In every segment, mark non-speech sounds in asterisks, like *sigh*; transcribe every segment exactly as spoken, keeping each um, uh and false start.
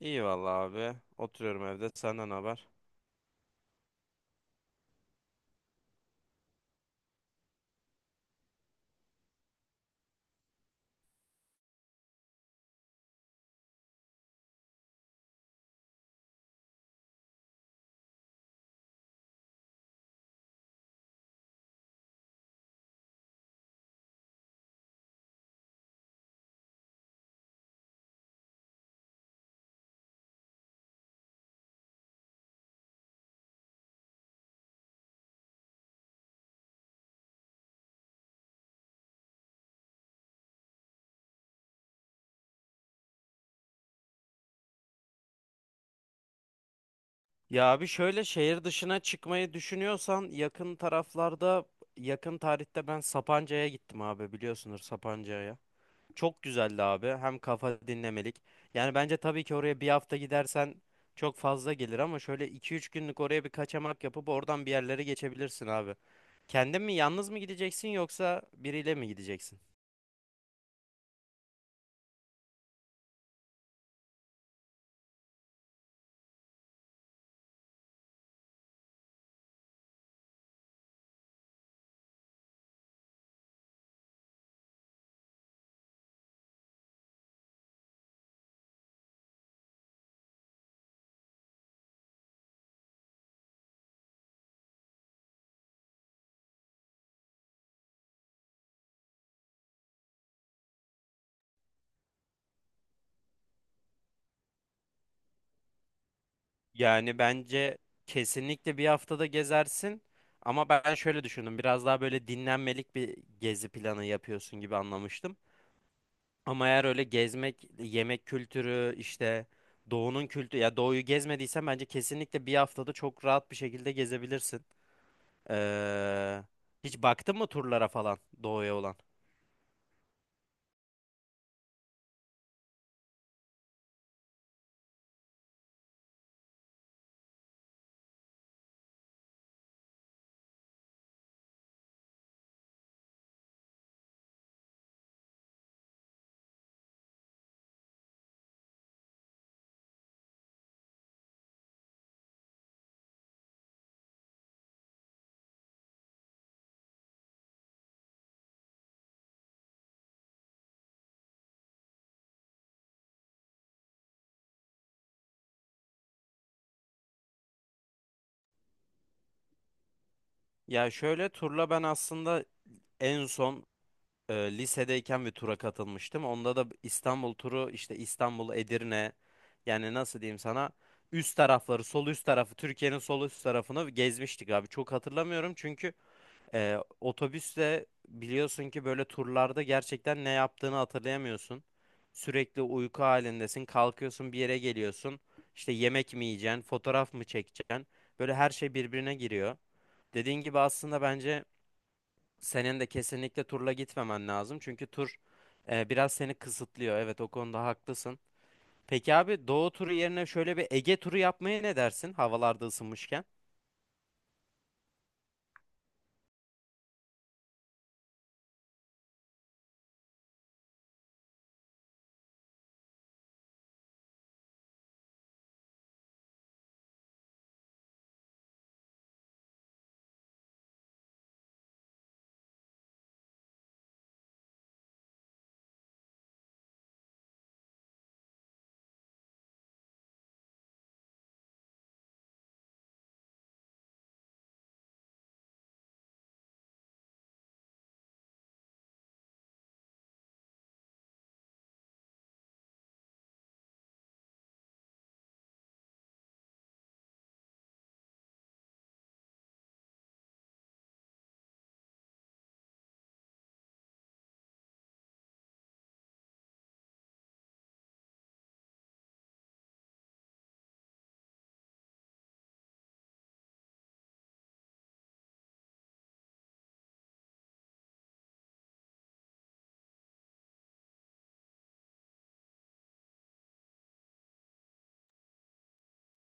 İyi vallahi abi. Oturuyorum evde. Senden haber? Ya abi şöyle şehir dışına çıkmayı düşünüyorsan yakın taraflarda yakın tarihte ben Sapanca'ya gittim abi biliyorsunuz Sapanca'ya. Çok güzeldi abi. Hem kafa dinlemelik. Yani bence tabii ki oraya bir hafta gidersen çok fazla gelir ama şöyle iki üç günlük oraya bir kaçamak yapıp oradan bir yerlere geçebilirsin abi. Kendin mi yalnız mı gideceksin yoksa biriyle mi gideceksin? Yani bence kesinlikle bir haftada gezersin. Ama ben şöyle düşündüm. Biraz daha böyle dinlenmelik bir gezi planı yapıyorsun gibi anlamıştım. Ama eğer öyle gezmek, yemek kültürü, işte doğunun kültürü, ya doğuyu gezmediysen bence kesinlikle bir haftada çok rahat bir şekilde gezebilirsin. Ee, Hiç baktın mı turlara falan doğuya olan? Ya şöyle turla ben aslında en son e, lisedeyken bir tura katılmıştım. Onda da İstanbul turu işte İstanbul, Edirne yani nasıl diyeyim sana üst tarafları sol üst tarafı Türkiye'nin sol üst tarafını gezmiştik abi. Çok hatırlamıyorum çünkü e, otobüsle biliyorsun ki böyle turlarda gerçekten ne yaptığını hatırlayamıyorsun. Sürekli uyku halindesin. Kalkıyorsun bir yere geliyorsun. İşte yemek mi yiyeceksin, fotoğraf mı çekeceksin? Böyle her şey birbirine giriyor. Dediğin gibi aslında bence senin de kesinlikle turla gitmemen lazım. Çünkü tur e, biraz seni kısıtlıyor. Evet, o konuda haklısın. Peki abi Doğu turu yerine şöyle bir Ege turu yapmaya ne dersin? Havalarda ısınmışken.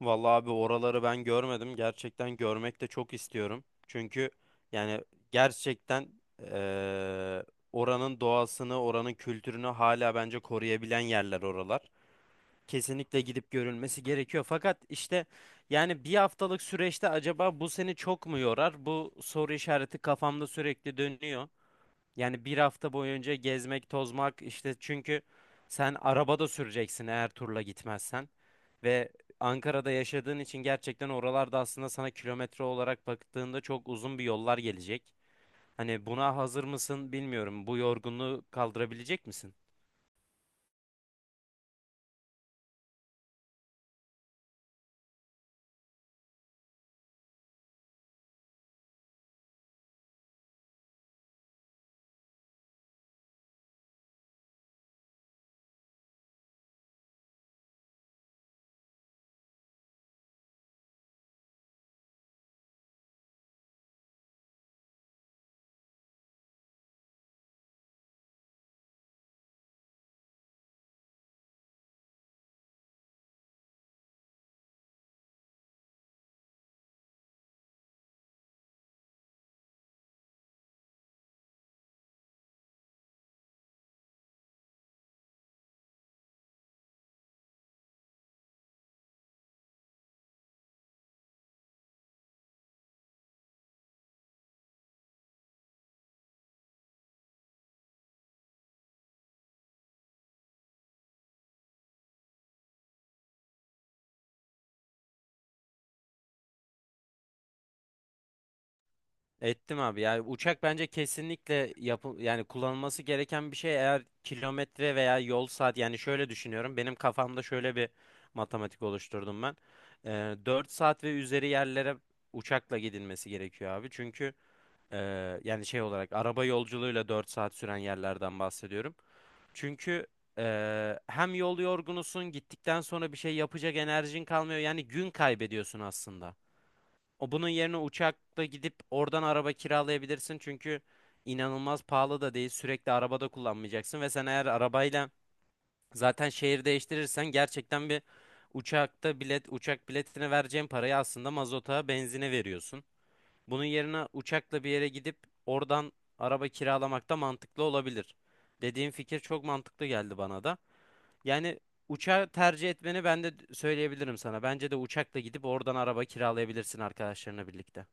Vallahi abi oraları ben görmedim. Gerçekten görmek de çok istiyorum. Çünkü yani gerçekten e, oranın doğasını, oranın kültürünü hala bence koruyabilen yerler oralar. Kesinlikle gidip görülmesi gerekiyor. Fakat işte yani bir haftalık süreçte acaba bu seni çok mu yorar? Bu soru işareti kafamda sürekli dönüyor. Yani bir hafta boyunca gezmek, tozmak işte çünkü sen arabada süreceksin eğer turla gitmezsen. Ve Ankara'da yaşadığın için gerçekten oralarda aslında sana kilometre olarak baktığında çok uzun bir yollar gelecek. Hani buna hazır mısın bilmiyorum. Bu yorgunluğu kaldırabilecek misin? Ettim abi. Yani uçak bence kesinlikle yapı yani kullanılması gereken bir şey eğer kilometre veya yol saat yani şöyle düşünüyorum. Benim kafamda şöyle bir matematik oluşturdum ben. Ee, dört saat ve üzeri yerlere uçakla gidilmesi gerekiyor abi. Çünkü e, yani şey olarak araba yolculuğuyla dört saat süren yerlerden bahsediyorum. Çünkü e, hem yol yorgunusun gittikten sonra bir şey yapacak enerjin kalmıyor. Yani gün kaybediyorsun aslında. O bunun yerine uçakla gidip oradan araba kiralayabilirsin. Çünkü inanılmaz pahalı da değil. Sürekli arabada kullanmayacaksın ve sen eğer arabayla zaten şehir değiştirirsen gerçekten bir uçakta bilet uçak biletine vereceğin parayı aslında mazota, benzine veriyorsun. Bunun yerine uçakla bir yere gidip oradan araba kiralamak da mantıklı olabilir. Dediğim fikir çok mantıklı geldi bana da. Yani uçağı tercih etmeni ben de söyleyebilirim sana. Bence de uçakla gidip oradan araba kiralayabilirsin arkadaşlarına birlikte.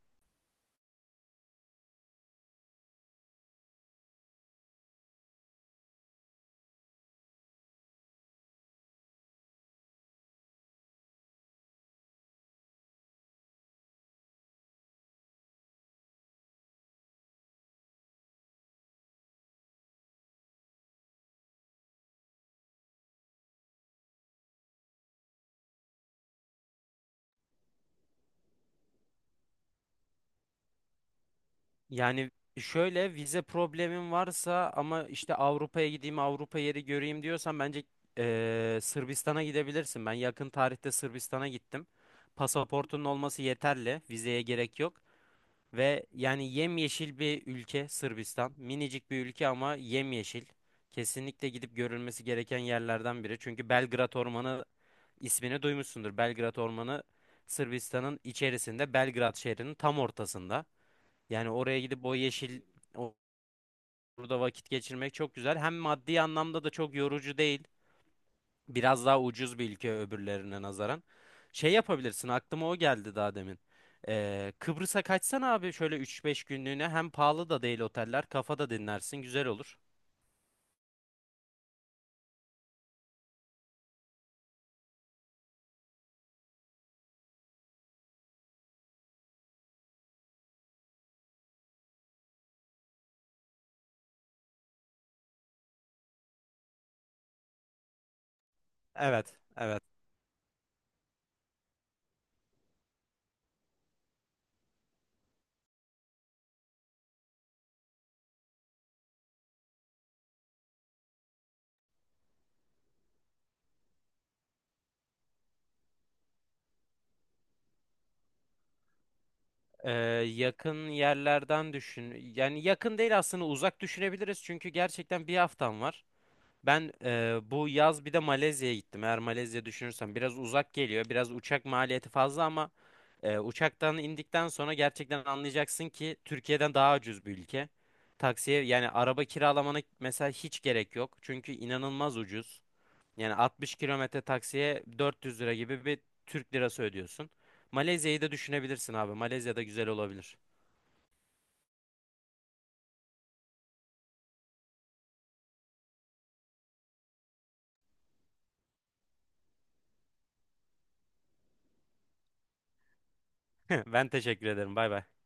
Yani şöyle vize problemin varsa ama işte Avrupa'ya gideyim Avrupa yeri göreyim diyorsan bence eee, Sırbistan'a gidebilirsin. Ben yakın tarihte Sırbistan'a gittim. Pasaportunun olması yeterli. Vizeye gerek yok. Ve yani yemyeşil bir ülke Sırbistan. Minicik bir ülke ama yemyeşil. Kesinlikle gidip görülmesi gereken yerlerden biri. Çünkü Belgrad Ormanı ismini duymuşsundur. Belgrad Ormanı Sırbistan'ın içerisinde Belgrad şehrinin tam ortasında. Yani oraya gidip o yeşil orada vakit geçirmek çok güzel. Hem maddi anlamda da çok yorucu değil. Biraz daha ucuz bir ülke öbürlerine nazaran. Şey yapabilirsin aklıma o geldi daha demin. Ee, Kıbrıs'a kaçsan abi şöyle üç beş günlüğüne hem pahalı da değil oteller kafada dinlersin güzel olur. Evet, evet. Ee, Yakın yerlerden düşün. Yani yakın değil aslında uzak düşünebiliriz çünkü gerçekten bir haftan var. Ben eee, bu yaz bir de Malezya'ya gittim. Eğer Malezya düşünürsem biraz uzak geliyor. Biraz uçak maliyeti fazla ama eee, uçaktan indikten sonra gerçekten anlayacaksın ki Türkiye'den daha ucuz bir ülke. Taksiye yani araba kiralamana mesela hiç gerek yok. Çünkü inanılmaz ucuz. Yani altmış kilometre taksiye dört yüz lira gibi bir Türk lirası ödüyorsun. Malezya'yı da düşünebilirsin abi. Malezya da güzel olabilir. *laughs* Ben teşekkür ederim. Bay bay.